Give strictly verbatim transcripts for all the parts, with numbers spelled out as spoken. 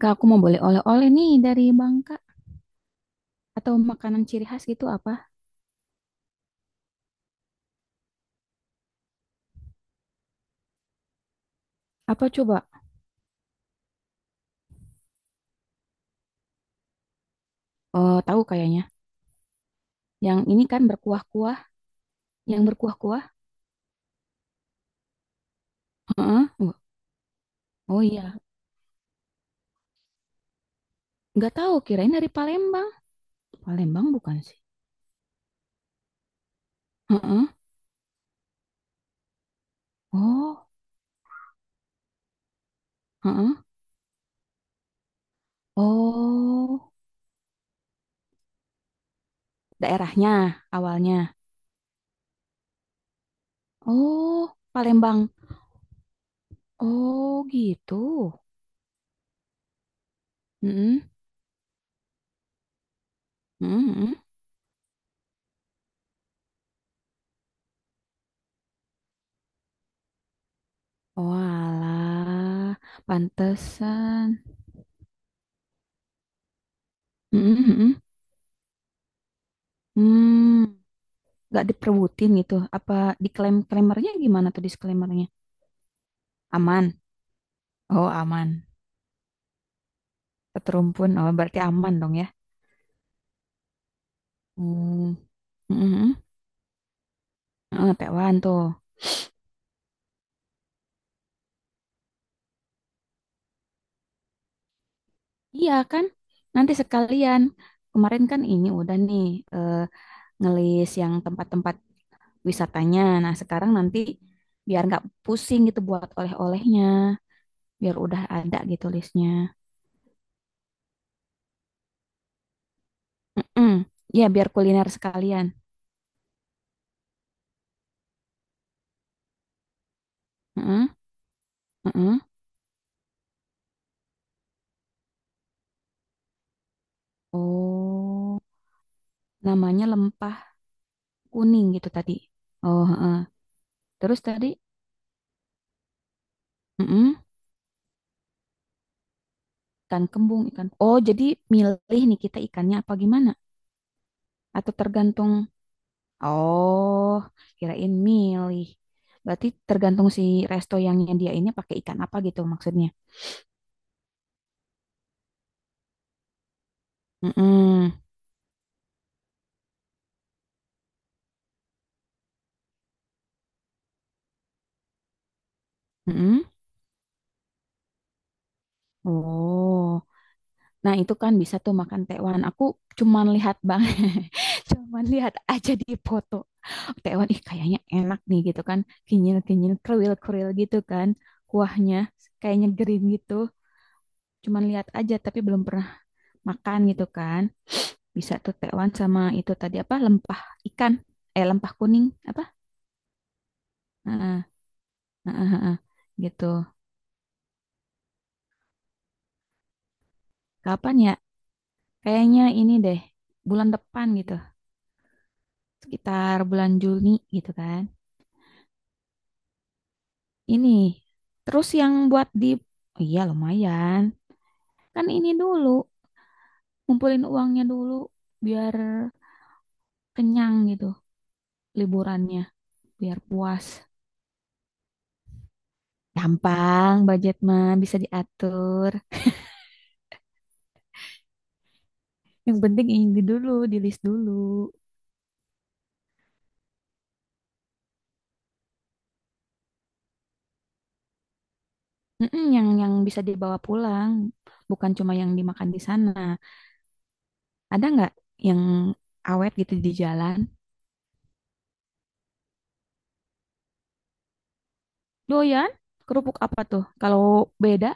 Kak, aku mau boleh oleh-oleh nih dari Bangka atau makanan ciri khas gitu apa? Apa coba? Oh, tahu kayaknya. Yang ini kan berkuah-kuah, yang berkuah-kuah. Heeh. Wah, oh iya, nggak tahu, kirain dari Palembang. Palembang bukan sih? Heeh. Oh, heeh. Oh, daerahnya awalnya. Oh, Palembang. Oh, gitu. Heeh. Heeh, heeh. Walah, pantesan. Heeh, heeh. Hmm. Nggak diperebutin gitu, apa disclaimer klaimernya, gimana tuh disclaimernya? Aman, oh aman, keterumpun, oh berarti aman dong ya. Hmm. Mm-mm. Eh, Tewan tuh, iya kan nanti sekalian, kemarin kan ini udah nih, eh, ngelis yang tempat-tempat wisatanya, nah sekarang nanti biar nggak pusing gitu buat oleh-olehnya, biar udah ada gitu listnya. Mm-mm. Ya biar kuliner sekalian. Mm-mm. Mm-mm. Oh, namanya lempah kuning gitu tadi. Oh, heeh. Terus tadi, mm-mm, ikan kembung, ikan. Oh, jadi milih nih kita ikannya apa gimana? Atau tergantung? Oh, kirain milih. Berarti tergantung si resto yang nyediainnya pakai ikan apa gitu maksudnya. Mm-mm, mm-mm. Oh, nah itu kan bisa tuh makan tekwan. Aku cuman lihat bang, cuman lihat aja di foto. Tewan, ih kayaknya enak nih gitu kan, kinyil-kinyil kruil-kruil gitu kan, kuahnya kayaknya green gitu, cuman lihat aja tapi belum pernah makan gitu kan. Bisa tuh Tekwan sama itu tadi apa, lempah ikan, eh lempah kuning apa. Heeh, heeh, heeh, gitu. Kapan ya, kayaknya ini deh bulan depan gitu, sekitar bulan Juni gitu kan, ini terus yang buat di, oh iya lumayan, kan ini dulu ngumpulin uangnya dulu biar kenyang gitu liburannya, biar puas. Gampang, budget mah bisa diatur. Yang penting ini dulu, di list dulu. Mm-mm, yang yang bisa dibawa pulang, bukan cuma yang dimakan di sana. Ada nggak yang awet gitu di jalan? Doyan? Kerupuk apa tuh? Kalau beda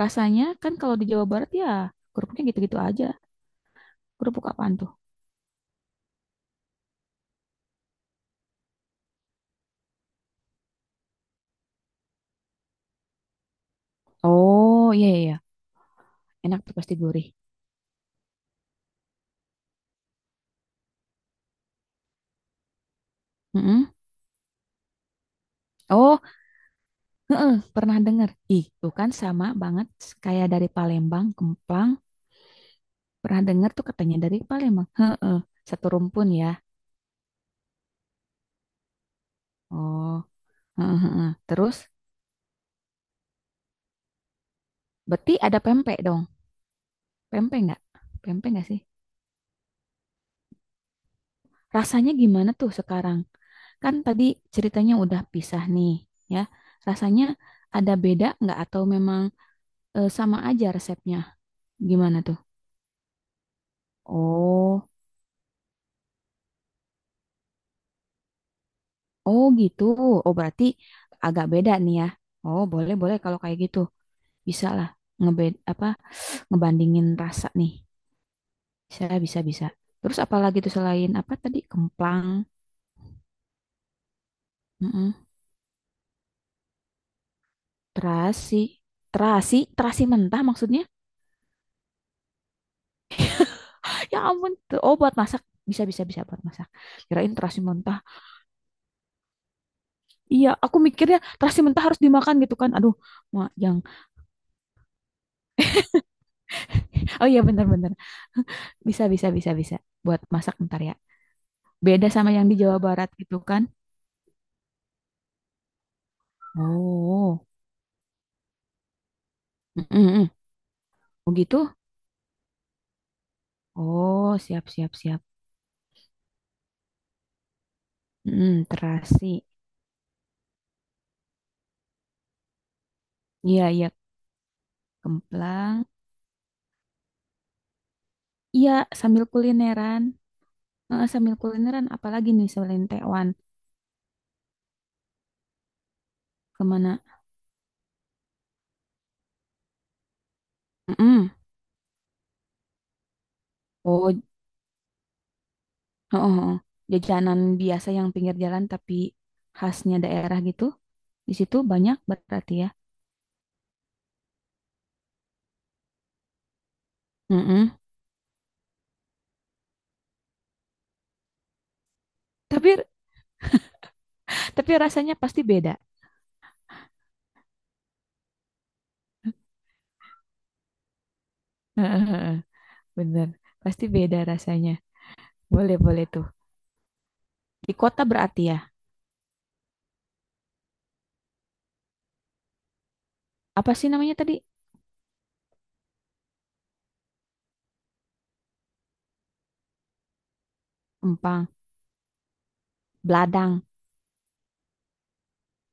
rasanya kan, kalau di Jawa Barat ya kerupuknya gitu-gitu aja. Kerupuk apaan tuh? Oh iya iya, iya. Enak tuh pasti gurih. Mm-mm. Oh, heeh, pernah dengar. Ih, tuh kan sama banget kayak dari Palembang, kemplang. Pernah dengar tuh katanya dari Palembang. Heeh, satu rumpun ya. Oh, heeh, heeh. Terus berarti ada pempek dong. Pempek nggak? Pempek nggak sih? Rasanya gimana tuh sekarang? Kan tadi ceritanya udah pisah nih, ya. Rasanya ada beda nggak atau memang eh, sama aja resepnya? Gimana tuh? Oh, oh gitu. Oh berarti agak beda nih ya. Oh, boleh boleh kalau kayak gitu. Bisa lah ngebed apa, ngebandingin rasa nih, saya bisa bisa. Terus apalagi tuh selain apa tadi, kemplang, mm, terasi. Terasi terasi mentah maksudnya? Ya ampun tuh, oh buat masak, bisa bisa bisa buat masak, kirain terasi mentah. Iya, aku mikirnya terasi mentah harus dimakan gitu kan, aduh. Mau yang, oh iya benar-benar, bisa bisa bisa bisa buat masak ntar ya, beda sama yang di Jawa Barat gitu kan. Oh, mm-mm, mm. Oh gitu? Oh, siap, siap, siap. Mm, terasi. Iya, iya, kemplang. Iya, sambil kulineran. Heeh, sambil kulineran, apalagi nih selain tewan. Kemana? Mm-mm. Oh, heeh, heeh. Jajanan biasa yang pinggir jalan tapi khasnya daerah gitu. Di situ banyak berarti ya. Mm-mm. Tapi tapi rasanya pasti beda. Heeh, heeh. Bener, pasti beda rasanya. Boleh, boleh tuh. Di kota berarti ya. Apa sih namanya tadi? Empang, beladang,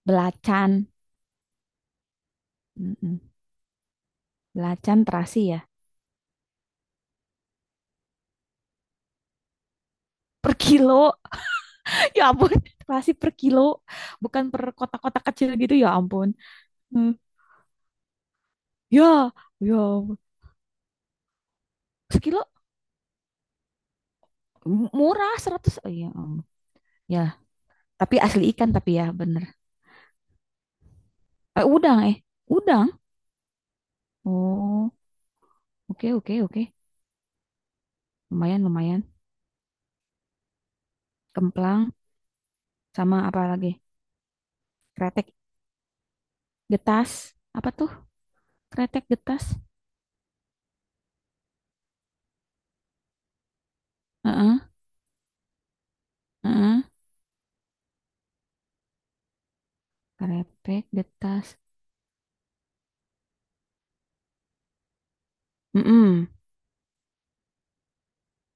belacan. Mm-mm. Belacan terasi ya. Per kilo. Ya ampun, pasti per kilo, bukan per kotak-kotak kecil gitu. Ya ampun. Hmm. Ya, ya, ampun. Sekilo mu- murah seratus. Oh, ya, ampun. Ya, tapi asli ikan tapi ya bener. Eh, udang, eh, udang. Oh, oke oke oke. Lumayan lumayan. Kemplang sama apa lagi? Kretek, getas. Apa tuh? Kretek, getas. Heeh, heeh. Kretek, getas. Mm-mm,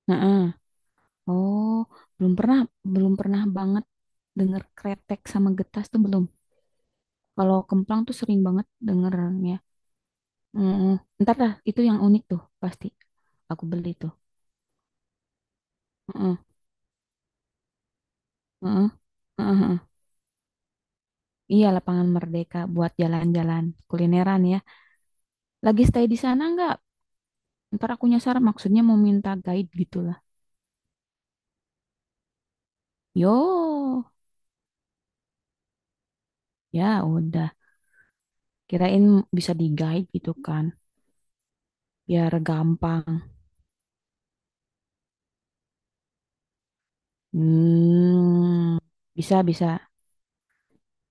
heeh. Oh, belum pernah, belum pernah banget denger kretek sama getas tuh belum. Kalau kemplang tuh sering banget dengernya. Mm-mm. Ntar dah, itu yang unik tuh pasti. Aku beli tuh. Mm-mm, mm-mm. Iya, Lapangan Merdeka buat jalan-jalan, kulineran ya. Lagi stay di sana nggak? Ntar aku nyasar, maksudnya mau minta guide gitu lah. Yo, ya udah. Kirain bisa di guide gitu kan, biar gampang. Hmm, bisa bisa.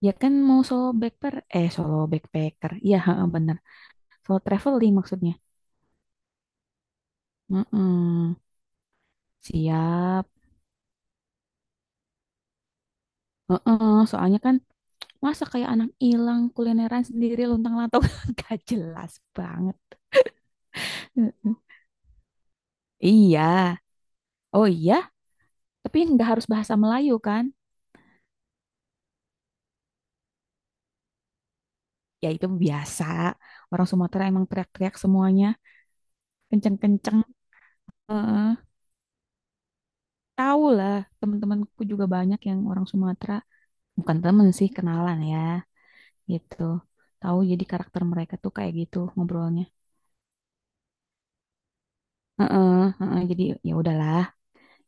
Ya kan mau solo backpacker, eh solo backpacker. Iya, heeh, bener. Solo traveling maksudnya. Heeh. Siap. Heeh, soalnya kan masa kayak anak hilang kulineran sendiri lontang-lantung gak jelas banget. Heeh. Iya. Oh iya, tapi nggak harus bahasa Melayu kan? Ya itu biasa. Orang Sumatera emang teriak-teriak semuanya, kenceng-kenceng. Heeh. Tahu lah, teman-temanku juga banyak yang orang Sumatera. Bukan temen sih, kenalan ya. Gitu, tahu jadi karakter mereka tuh kayak gitu ngobrolnya. Heeh, heeh, jadi ya udahlah,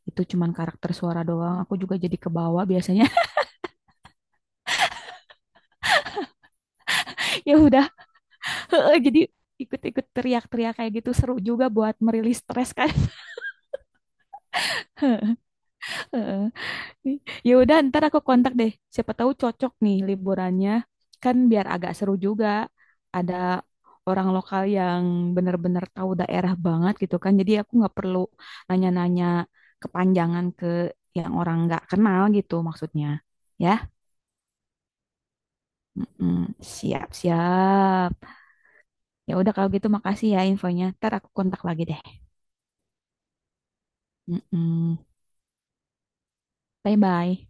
itu cuman karakter suara doang, aku juga jadi kebawa biasanya. Ya udah, heeh, jadi ikut-ikut teriak-teriak kayak gitu seru juga buat merilis stres kan. Heeh. Ih, ya udah, ntar aku kontak deh. Siapa tahu cocok nih liburannya. Kan biar agak seru juga. Ada orang lokal yang benar-benar tahu daerah banget gitu kan. Jadi aku nggak perlu nanya-nanya kepanjangan ke yang orang nggak kenal gitu maksudnya. Ya, mm-mm. Siap-siap. Ya udah kalau gitu makasih ya infonya. Ntar aku kontak lagi deh. Mm-mm. Bye-bye.